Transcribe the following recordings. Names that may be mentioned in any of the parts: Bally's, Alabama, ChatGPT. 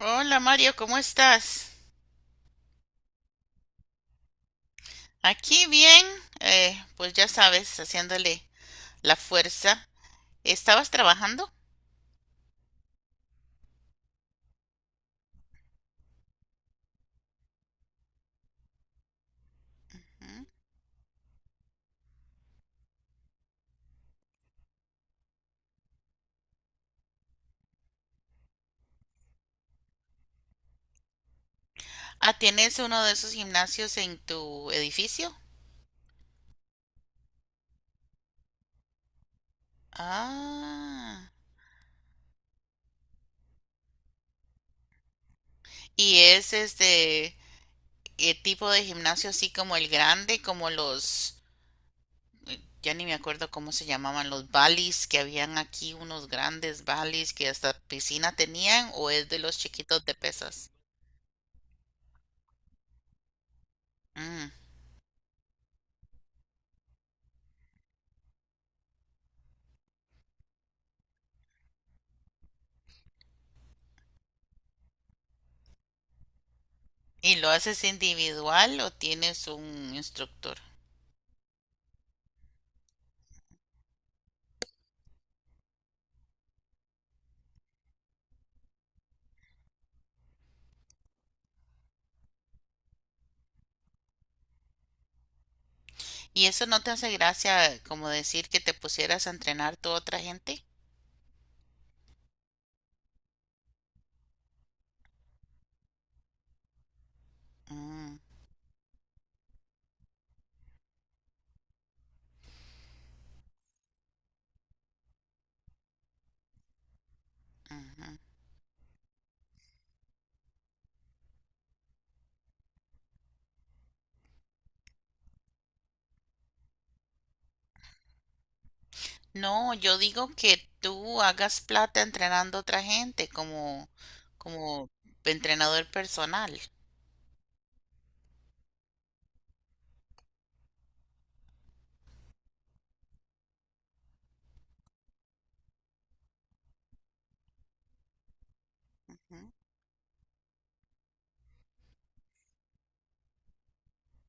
Hola Mario, ¿cómo estás? Aquí bien, pues ya sabes, haciéndole la fuerza. ¿Estabas trabajando? ¿Mm? Ah, ¿tienes uno de esos gimnasios en tu edificio? Ah, y es tipo de gimnasio así como el grande, como ya ni me acuerdo cómo se llamaban, los balis que habían aquí, unos grandes balis que hasta piscina tenían, o es de los chiquitos de pesas. Mm. ¿Y lo haces individual o tienes un instructor? ¿Y eso no te hace gracia como decir que te pusieras a entrenar tú a otra gente? Mm, ujú. No, yo digo que tú hagas plata entrenando a otra gente como entrenador personal. Ujú,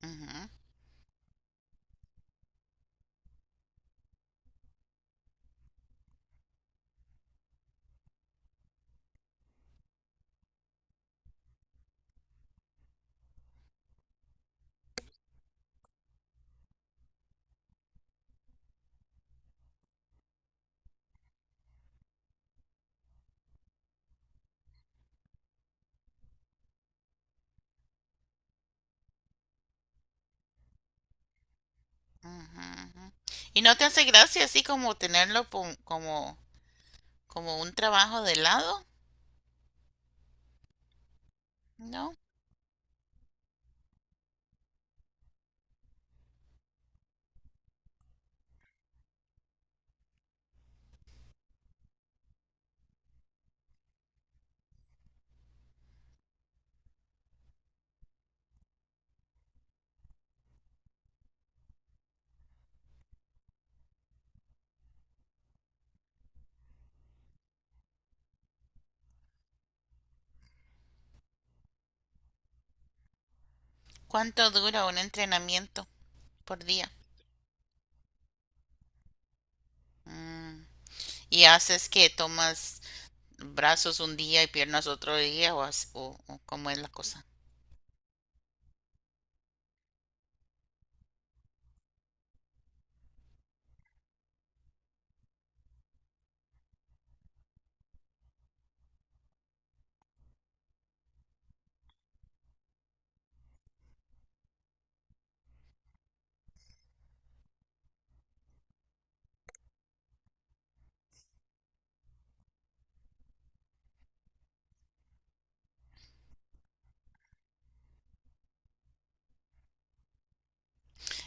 ujú, ujú, ujú. ¿Y no te hace gracia así como tenerlo como, como un trabajo de lado? ¿No? ¿Cuánto dura un entrenamiento por día? Mm. Y haces que tomas brazos un día y piernas otro día o, o cómo es la cosa.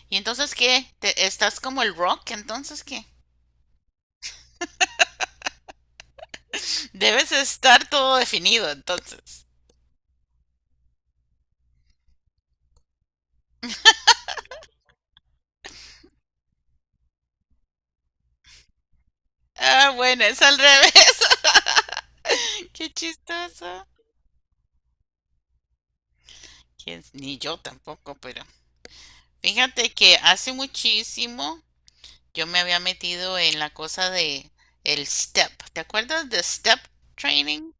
Y entonces qué, estás como el rock? Entonces qué, debes estar todo definido, entonces. Ah, bueno, es al revés. Qué chistoso. Ni yo tampoco? Pero fíjate que hace muchísimo yo me había metido en la cosa de el step. ¿Te acuerdas de step training?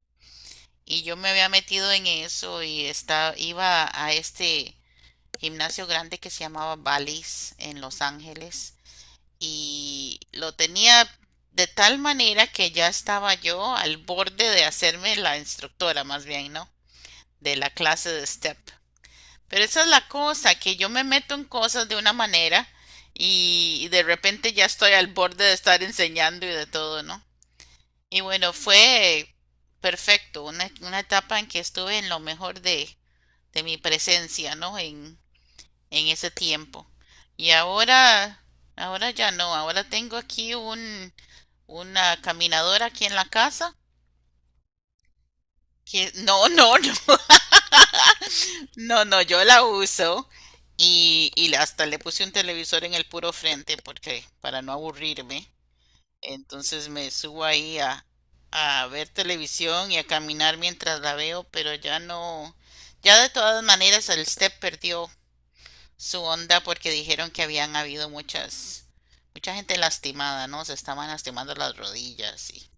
Y yo me había metido en eso y estaba, iba a este gimnasio grande que se llamaba Bally's en Los Ángeles y lo tenía de tal manera que ya estaba yo al borde de hacerme la instructora, más bien, ¿no? De la clase de step. Pero esa es la cosa, que yo me meto en cosas de una manera y de repente ya estoy al borde de estar enseñando y de todo, ¿no? Y bueno, fue perfecto, una etapa en que estuve en lo mejor de mi presencia, ¿no? En ese tiempo. Y ahora, ahora ya no, ahora tengo aquí un, una caminadora aquí en la casa que no, no, yo la uso y hasta le puse un televisor en el puro frente porque para no aburrirme. Entonces me subo ahí a ver televisión y a caminar mientras la veo, pero ya no, ya de todas maneras el step perdió su onda porque dijeron que habían habido muchas, mucha gente lastimada, ¿no? Se estaban lastimando las rodillas y...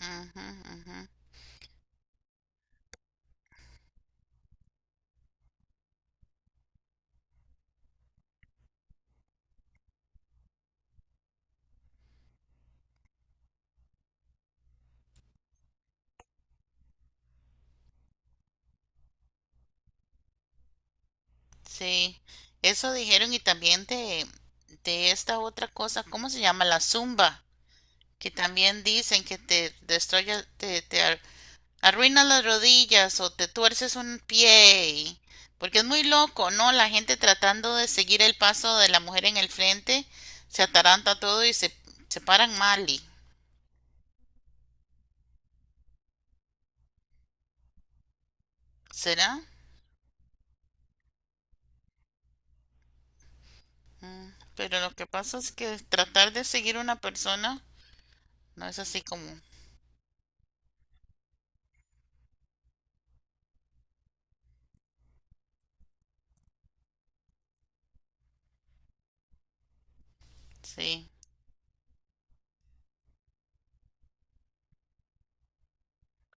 Ujú, ujú. Sí, eso dijeron y también de esta otra cosa, ¿cómo se llama? La zumba, que también dicen que te destruye, te, arruina las rodillas o te tuerces un pie, porque es muy loco, ¿no? La gente tratando de seguir el paso de la mujer en el frente, se ataranta todo y se paran mal, ¿será? Mm, pero lo que pasa es que tratar de seguir una persona no es así como, sí,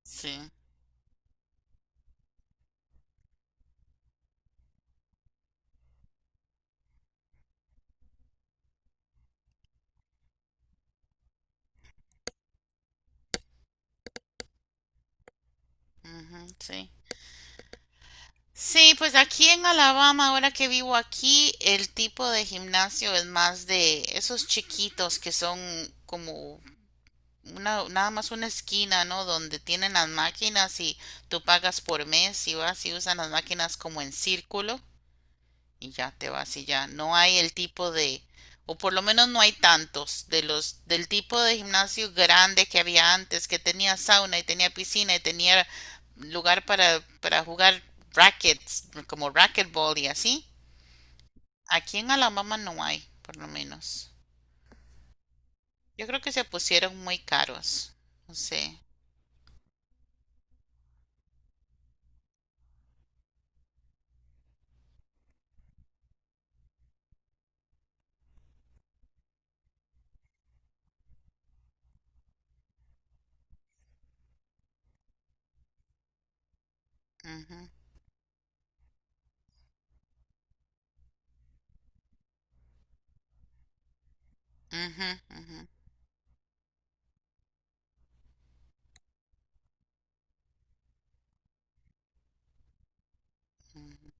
sí, ujú, sí. Sí, pues aquí en Alabama, ahora que vivo aquí, el tipo de gimnasio es más de esos chiquitos que son como una, nada más una esquina, ¿no? Donde tienen las máquinas y tú pagas por mes y vas y usan las máquinas como en círculo. Y ya te vas y ya no hay el tipo de, o por lo menos no hay tantos de los del tipo de gimnasio grande que había antes, que tenía sauna y tenía piscina y tenía lugar para jugar rackets, como racquetball y así. Aquí en Alabama no hay, por lo menos. Yo creo que se pusieron muy caros. No sé. Ujú, ujú, ujú, ujú.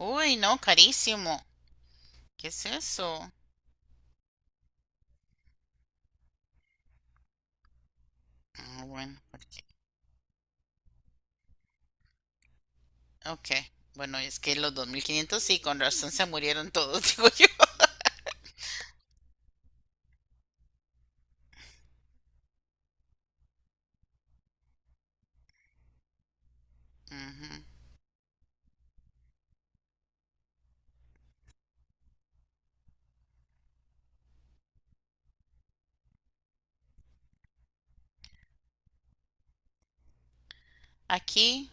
Uy, no, carísimo. ¿Qué es eso? Ah, bueno, ok. Ok. Bueno, es que los 2.500 sí, con razón se murieron todos, digo yo. Ujú. Aquí,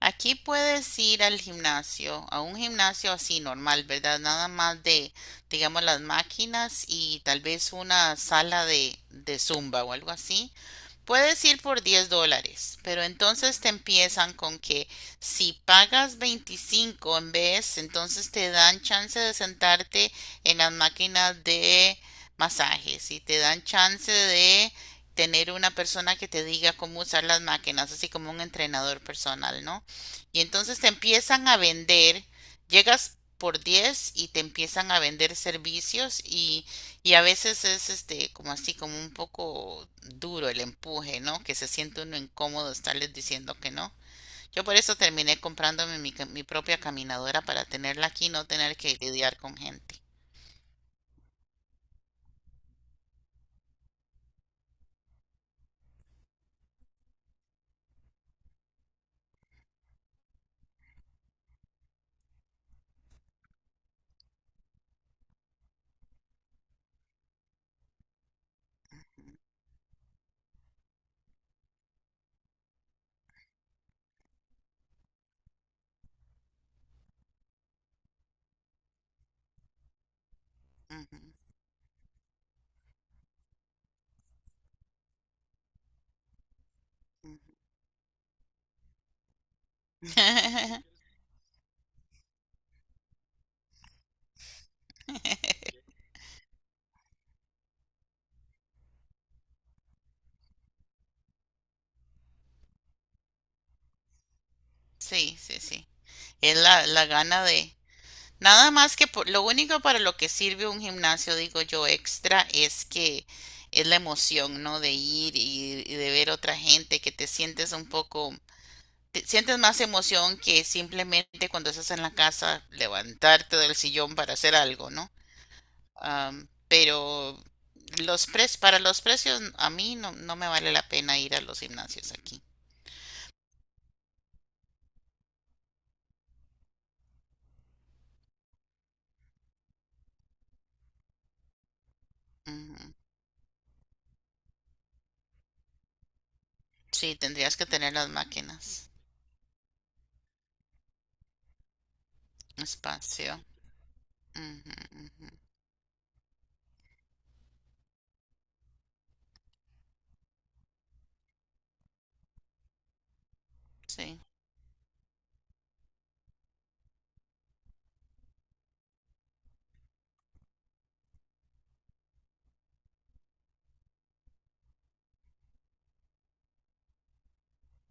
aquí puedes ir al gimnasio, a un gimnasio así normal, ¿verdad? Nada más de, digamos, las máquinas y tal vez una sala de zumba o algo así. Puedes ir por 10 dólares, pero entonces te empiezan con que si pagas 25 en vez, entonces te dan chance de sentarte en las máquinas de masajes y te dan chance de tener una persona que te diga cómo usar las máquinas, así como un entrenador personal, ¿no? Y entonces te empiezan a vender, llegas por 10 y te empiezan a vender servicios y a veces es este como así, como un poco duro el empuje, ¿no? Que se siente uno incómodo estarles diciendo que no. Yo por eso terminé comprándome mi propia caminadora para tenerla aquí y no tener que lidiar con gente. Ujú, ujú, sí, sí, sí. Es la, la gana de... Nada más lo único para lo que sirve un gimnasio, digo yo, extra, es que es la emoción, ¿no? De ir y de ver otra gente, que te sientes un poco sientes más emoción que simplemente cuando estás en la casa levantarte del sillón para hacer algo, ¿no? Am, pero para los precios a mí no, no me vale la pena ir a los gimnasios aquí. Ujú. Sí, tendrías que tener las máquinas, espacio. Ujú, ujú. Sí.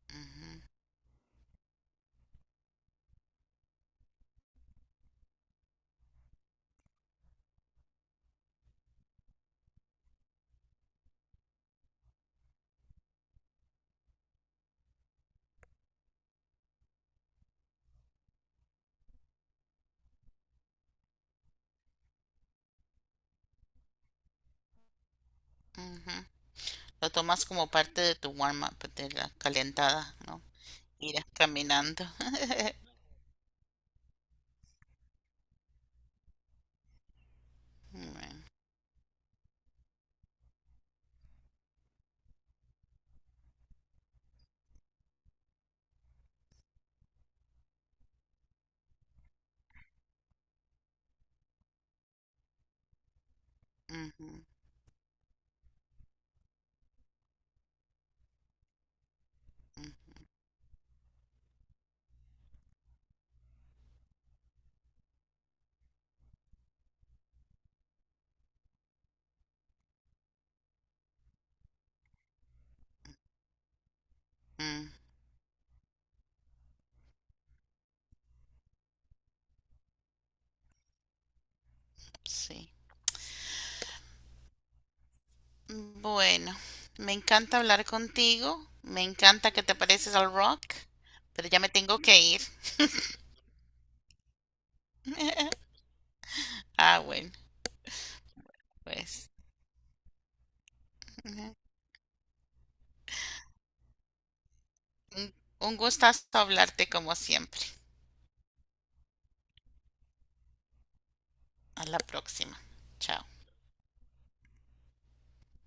Ujú, ujú. Lo tomas como parte de tu warm-up, de la calentada, ¿no? Ir caminando. Bueno, ujú, ujú, mm, sí. Bueno, me encanta hablar contigo, me encanta que te pareces al rock, pero ya me tengo que ir. Ah, bueno, pues. Un gustazo hablarte como siempre. A la próxima. Chao.